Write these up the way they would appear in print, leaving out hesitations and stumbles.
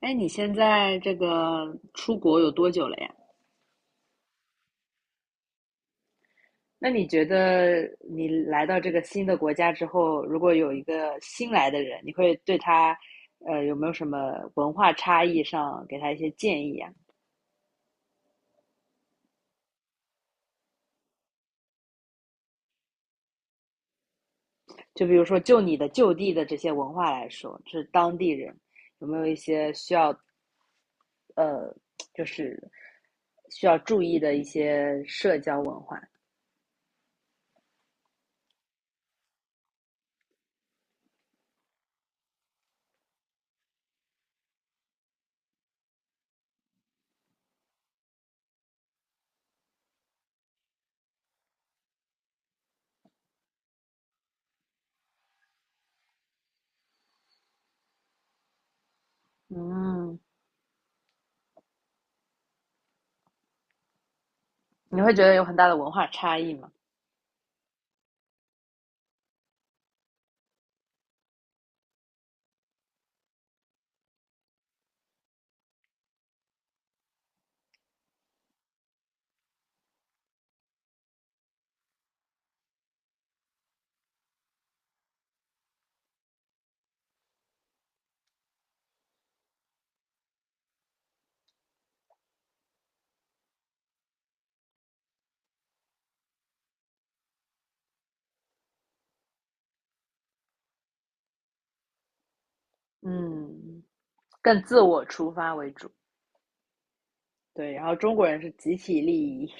哎，你现在这个出国有多久了呀？那你觉得你来到这个新的国家之后，如果有一个新来的人，你会对他，有没有什么文化差异上给他一些建议啊？就比如说，就你的就地的这些文化来说，就是当地人有没有一些需要，呃，就是需要注意的一些社交文化？嗯，你会觉得有很大的文化差异吗？嗯，更自我出发为主。对，然后中国人是集体利益。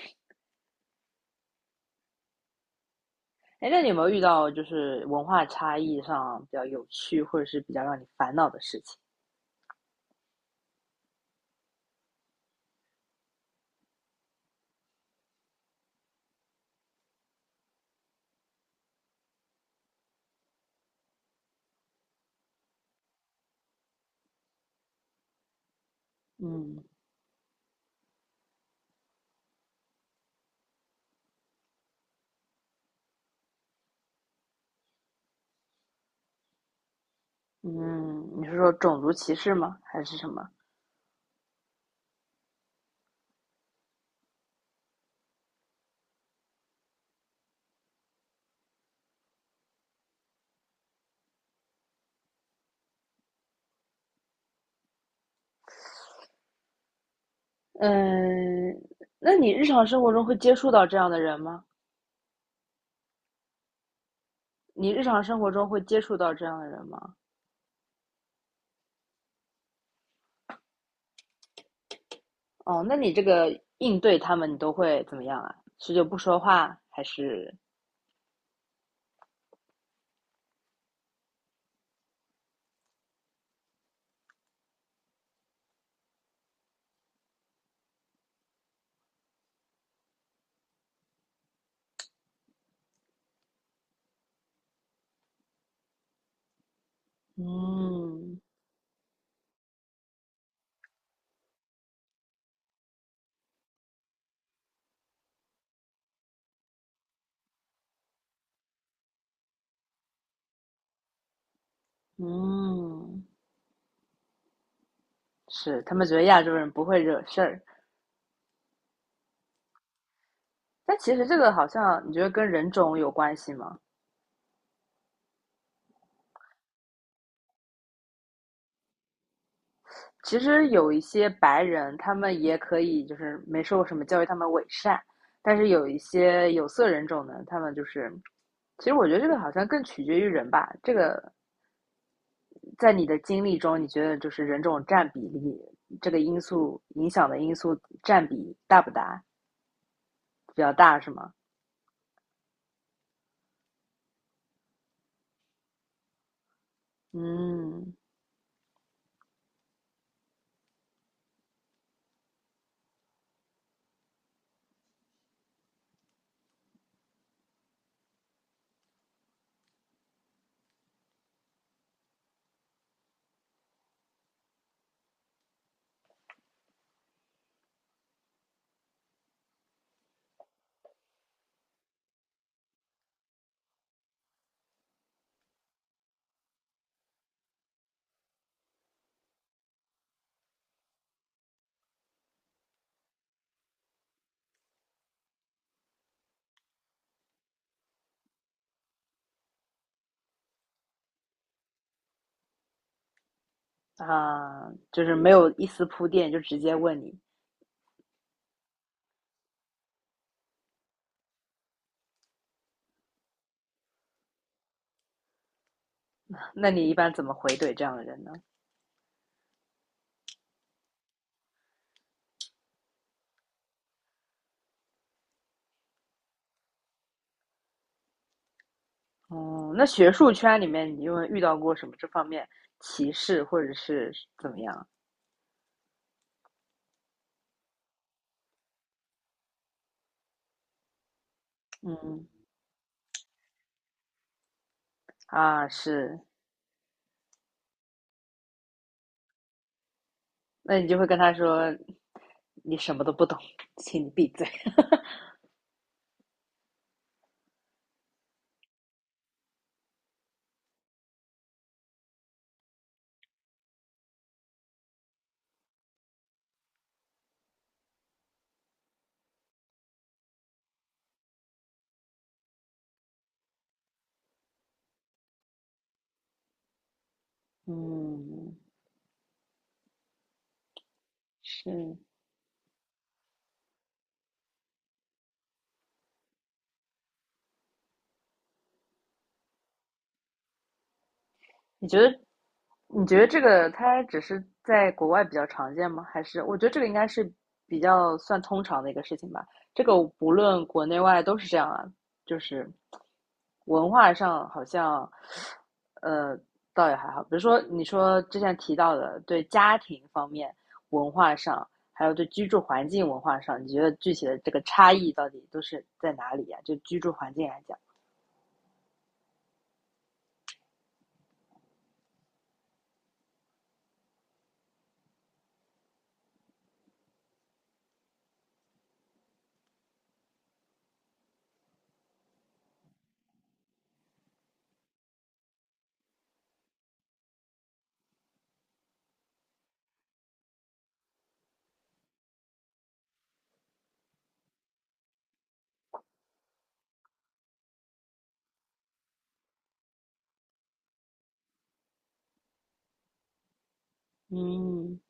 哎，那你有没有遇到就是文化差异上比较有趣，或者是比较让你烦恼的事情？嗯。嗯，你是说种族歧视吗？还是什么？嗯，那你日常生活中会接触到这样的人吗？你日常生活中会接触到这样的人吗？哦，那你这个应对他们，你都会怎么样啊？是就不说话，还是嗯。嗯？是，他们觉得亚洲人不会惹事儿，但其实这个好像你觉得跟人种有关系吗？其实有一些白人，他们也可以就是没受过什么教育，他们伪善，但是有一些有色人种呢，他们就是，其实我觉得这个好像更取决于人吧。这个在你的经历中，你觉得就是人种占比例这个因素影响的因素占比大不大？比较大是吗？嗯。啊，就是没有一丝铺垫就直接问你。那你一般怎么回怼这样的人呢？哦，嗯，那学术圈里面你有遇到过什么这方面歧视或者是怎么样？嗯，啊，是，那你就会跟他说，你什么都不懂，请你闭嘴。嗯，是，你觉得你觉得这个它只是在国外比较常见吗？还是我觉得这个应该是比较算通常的一个事情吧。这个不论国内外都是这样啊，就是文化上好像，呃，倒也还好。比如说你说之前提到的，对家庭方面文化上，还有对居住环境文化上，你觉得具体的这个差异到底都是在哪里呀、就居住环境来讲，嗯。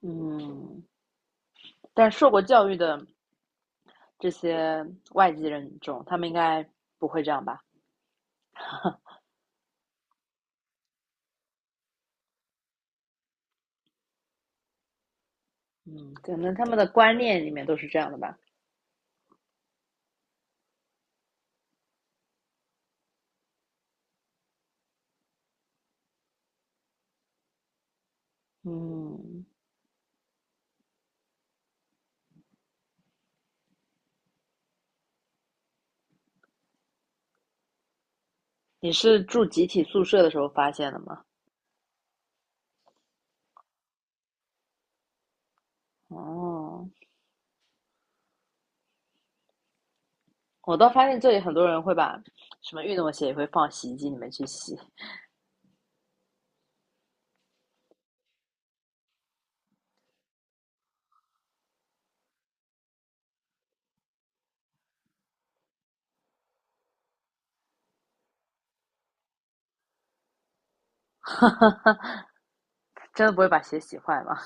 嗯，但受过教育的。这些外籍人种，他们应该不会这样吧？嗯，可能他们的观念里面都是这样的吧。嗯，你是住集体宿舍的时候发现的吗？哦，我倒发现这里很多人会把什么运动鞋也会放洗衣机里面去洗，真的不会把鞋洗坏吗？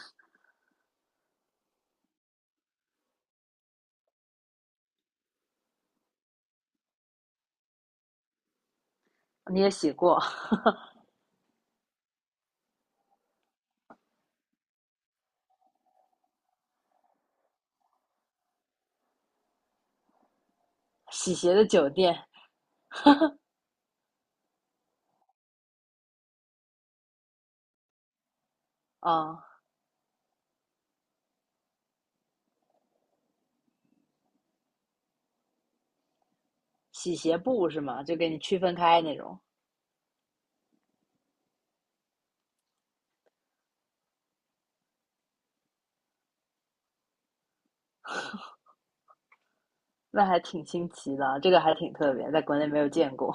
你也洗过洗鞋的酒店啊、嗯洗鞋布是吗？就给你区分开那种，那还挺新奇的啊，这个还挺特别，在国内没有见过。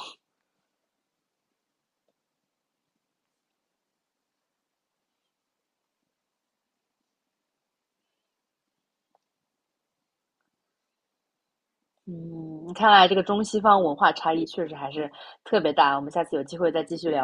嗯，看来这个中西方文化差异确实还是特别大，我们下次有机会再继续聊吧。